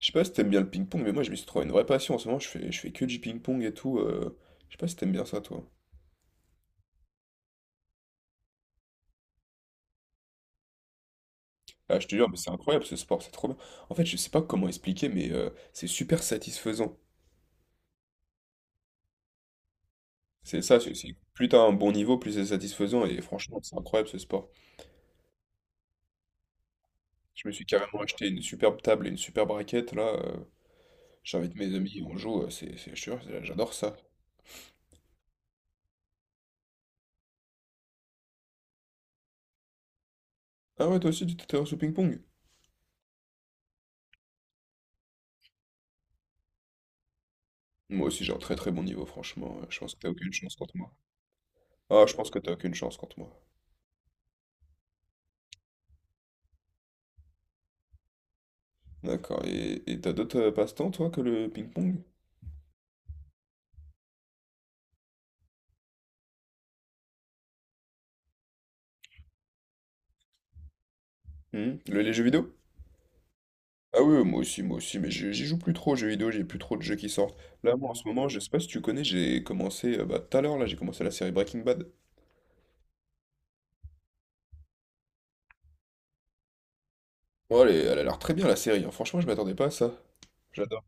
Je sais pas si t'aimes bien le ping-pong, mais moi je m'y suis trouvé une vraie passion. En ce moment, je fais que du ping-pong et tout. Je sais pas si t'aimes bien ça, toi. Ah, je te jure, mais c'est incroyable ce sport, c'est trop bien. En fait, je sais pas comment expliquer, mais c'est super satisfaisant. C'est ça, c'est- Plus t'as un bon niveau, plus c'est satisfaisant. Et franchement, c'est incroyable ce sport. Je me suis carrément acheté une superbe table et une superbe raquette. J'invite mes amis, on joue. Je te jure, j'adore ça. Ah ouais, toi aussi, tu t'intéresses au ping-pong? Moi aussi, j'ai un très très bon niveau, franchement. Je pense que t'as aucune chance contre moi. Ah, je pense que t'as aucune chance contre moi. D'accord. Et t'as d'autres passe-temps, toi, que le ping-pong? Hmm. Les jeux vidéo? Ah oui, oui, moi aussi, mais j'y joue plus trop aux jeux vidéo, j'ai plus trop de jeux qui sortent. Là, moi, en ce moment, je sais pas si tu connais, tout à l'heure, là, j'ai commencé la série Breaking Bad. Bon, elle a l'air très bien, la série, hein. Franchement, je m'attendais pas à ça. J'adore.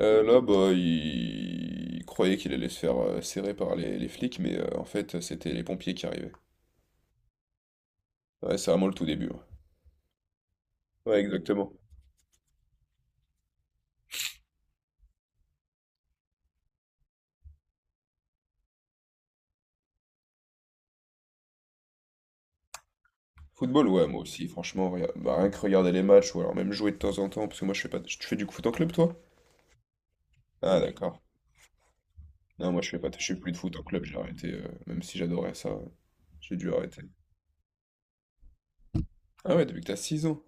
Là, il croyait qu'il allait se faire serrer par les flics, mais en fait, c'était les pompiers qui arrivaient. Ouais, c'est vraiment le tout début. Ouais, ouais, exactement. Football, ouais, moi aussi, franchement, rien que regarder les matchs, ou alors même jouer de temps en temps, parce que moi je fais pas... Tu fais du foot en club, toi? Ah, d'accord. Non, moi je fais pas... Je fais plus de foot en club, j'ai arrêté, même si j'adorais ça, j'ai dû arrêter. Ah ouais, depuis que t'as 6 ans.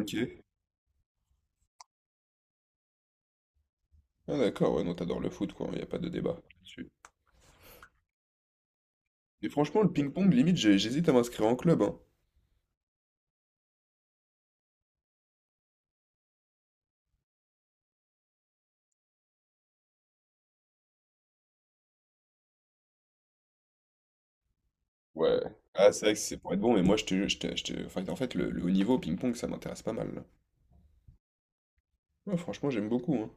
Ok. Ah d'accord, ouais, non, t'adores le foot, quoi, y a pas de débat là-dessus. Et franchement, le ping-pong, limite, j'hésite à m'inscrire en club, hein. Ouais. Ah, c'est vrai que c'est pour être bon, mais moi, enfin, en fait, le haut niveau au ping-pong, ça m'intéresse pas mal, là. Ouais, franchement, j'aime beaucoup, hein.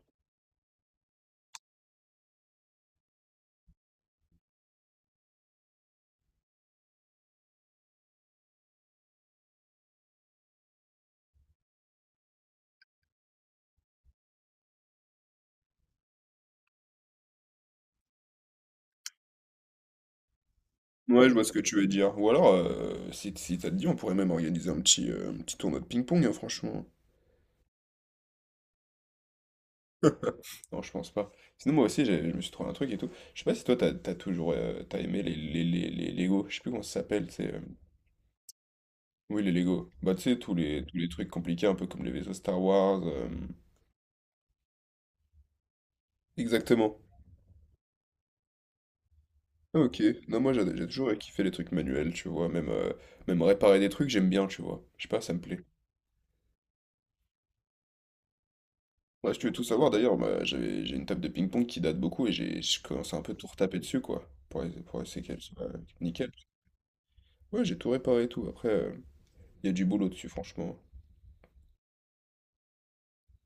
Ouais, je vois ce que tu veux dire. Ou alors, si, si ça te dit, on pourrait même organiser un petit tournoi de ping-pong, hein, franchement. Non, je pense pas. Sinon, moi aussi, je me suis trouvé un truc et tout. Je sais pas si toi, t'as toujours t'as aimé les Lego. Je sais plus comment ça s'appelle, oui, les Lego. Bah, tu sais, tous les trucs compliqués, un peu comme les vaisseaux Star Wars. Exactement. Ah, ok. Non, moi, j'ai toujours kiffé les trucs manuels, tu vois. Même réparer des trucs, j'aime bien, tu vois. Je sais pas, ça me plaît. Moi, si tu veux tout savoir, d'ailleurs, bah, j'ai une table de ping-pong qui date beaucoup et j'ai je commence à un peu tout retaper dessus, quoi, pour, pour essayer qu'elle soit nickel. Ouais, j'ai tout réparé et tout. Après, il y a du boulot dessus, franchement.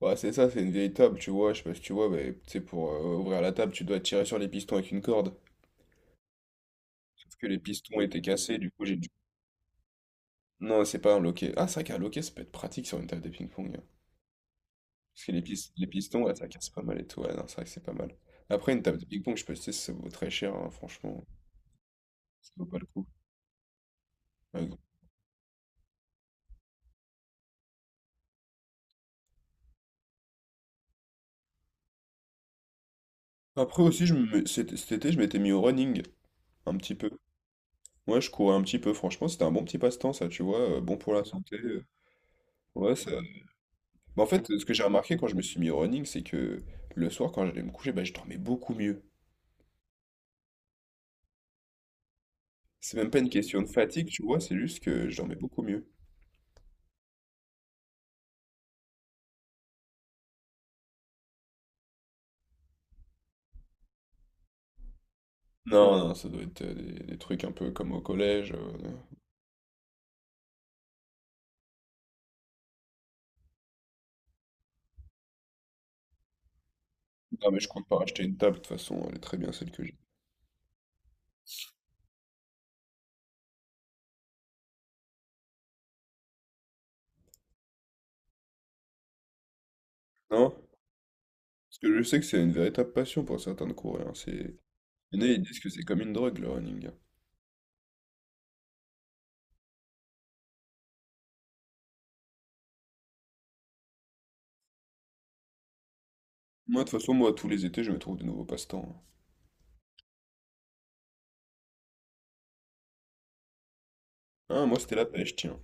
Ouais, c'est ça, c'est une vieille table, tu vois. Je sais pas si tu vois, mais tu sais, pour ouvrir la table, tu dois tirer sur les pistons avec une corde. Sauf que les pistons étaient cassés, du coup, j'ai dû. Non, c'est pas un loquet. Ah, c'est vrai qu'un loquet, ça peut être pratique sur une table de ping-pong, hein. Parce que les pistons, ouais, ça casse pas mal et tout. Ouais, non, c'est vrai que c'est pas mal. Après, une table de ping-pong, je peux te dire, ça vaut très cher, hein, franchement. Ça vaut pas le coup. Ouais. Après aussi, cet été, je m'étais mis au running un petit peu. Ouais, je courais un petit peu. Franchement, c'était un bon petit passe-temps, ça, tu vois. Bon pour la santé. Ouais, ça. Bah, en fait, ce que j'ai remarqué quand je me suis mis au running, c'est que le soir, quand j'allais me coucher, bah, je dormais beaucoup mieux. C'est même pas une question de fatigue, tu vois, c'est juste que je dormais beaucoup mieux. Non, non, ça doit être des trucs un peu comme au collège. Non. Non, mais je compte pas racheter une table, de toute façon, elle est très bien celle que j'ai. Non? Parce que je sais que c'est une véritable passion pour certains de courir, hein. C'est... il y en a, ils disent que c'est comme une drogue, le running. Moi, de toute façon, moi, tous les étés, je me trouve de nouveaux passe-temps. Hein, moi, c'était la pêche, tiens.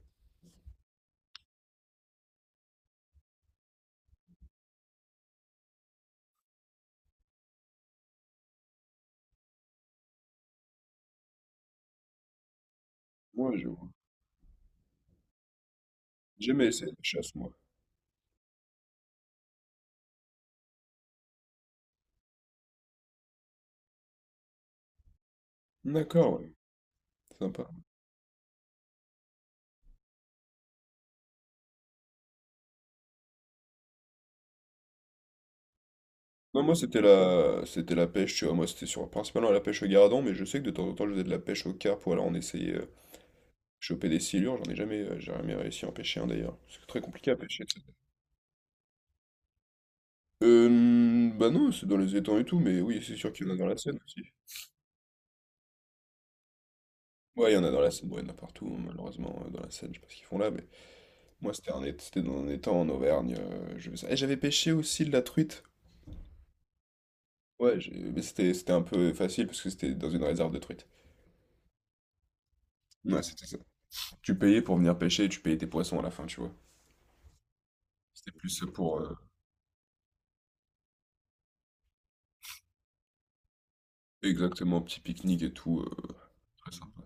Moi, je vois. J'aimais essayer la chasse, moi. D'accord, ouais. Sympa. Non, moi, c'était la pêche, tu vois. Moi, c'était sur... principalement la pêche au gardon, mais je sais que de temps en temps, je faisais de la pêche au carpe ou alors on essayait choper des silures. J'ai jamais réussi à en pêcher un, d'ailleurs. C'est très compliqué à pêcher, ça. Bah non, c'est dans les étangs et tout, mais oui, c'est sûr qu'il y en a dans la Seine aussi. Ouais, il y en a dans la Seine, ouais, il y en a partout, hein, malheureusement, dans la Seine, je sais pas ce qu'ils font là, mais... Moi, c'était c'était dans un étang en Auvergne. Je faisais ça. Et j'avais pêché aussi de la truite. Mais c'était un peu facile parce que c'était dans une réserve de truite. Ouais, c'était ça. Tu payais pour venir pêcher et tu payais tes poissons à la fin, tu vois. C'était plus pour exactement petit pique-nique et tout. Très sympa.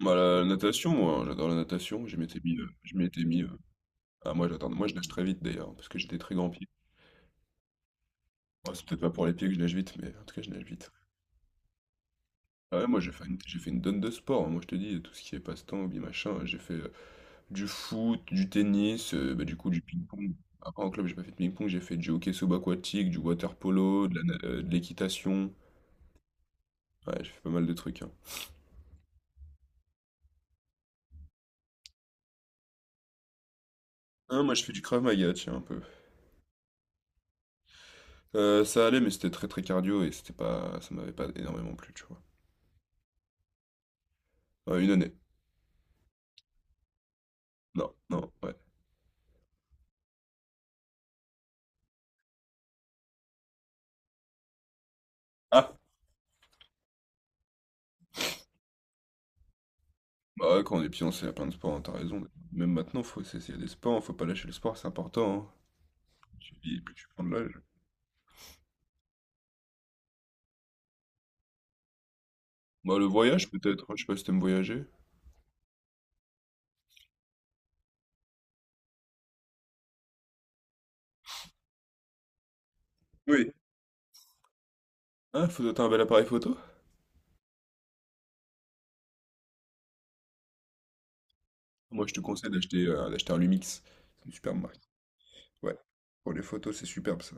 Bah, la natation, moi, hein, j'adore la natation. Je m'étais mis. Ah, moi, j'adore. Moi, je nage très vite d'ailleurs parce que j'ai des très grands pieds. Bon, c'est peut-être pas pour les pieds que je nage vite, mais en tout cas, je nage vite. Ah ouais, moi j'ai fait une donne de sport, hein. Moi je te dis, tout ce qui est passe-temps, hobby, machin, j'ai fait, du foot, du tennis, bah, du coup, du ping-pong. Après en club, j'ai pas fait de ping-pong, j'ai fait du hockey subaquatique, du water-polo, de la na de l'équitation. Ouais, j'ai fait pas mal de trucs, hein. Non, moi, je fais du Krav Maga, tiens, un peu. Ça allait, mais c'était très, très cardio et c'était pas ça m'avait pas énormément plu, tu vois? 1 année. Non, non, ouais. Ah! Bah, ouais, quand on est fiancé, il y a plein de sports, hein, tu raison. Même maintenant, faut s'essayer des sports, hein, faut pas lâcher le sport, c'est important, hein. Tu vis, plus tu prends de l'âge. Bah, le voyage peut-être, hein, je sais pas si t'aimes voyager? Oui. Ah, faut toi un bel appareil photo? Moi, je te conseille d'acheter un Lumix. C'est une super marque. Ouais. Pour les photos, c'est superbe ça.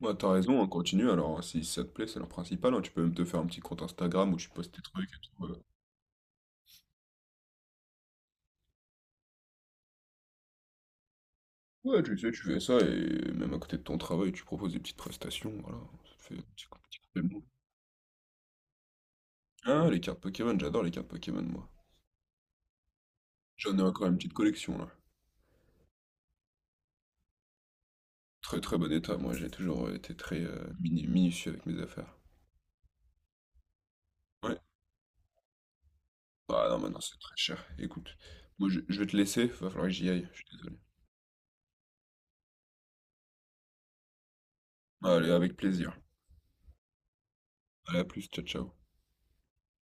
Ouais, t'as raison, on continue. Alors, hein, si ça te plaît, c'est leur principal, hein. Tu peux même te faire un petit compte Instagram où tu postes tes trucs et tout. Ouais, tu sais, tu fais ça et même à côté de ton travail, tu proposes des petites prestations. Voilà, ça te fait petit complément. Ah, les cartes Pokémon, j'adore les cartes Pokémon, moi. J'en ai encore une petite collection là. Très très bon état, moi j'ai toujours été minutieux avec mes affaires. Ouais, ah non, maintenant c'est très cher. Écoute, je vais te laisser, va falloir que j'y aille, je suis désolé. Allez, avec plaisir. Allez, à plus, ciao, ciao.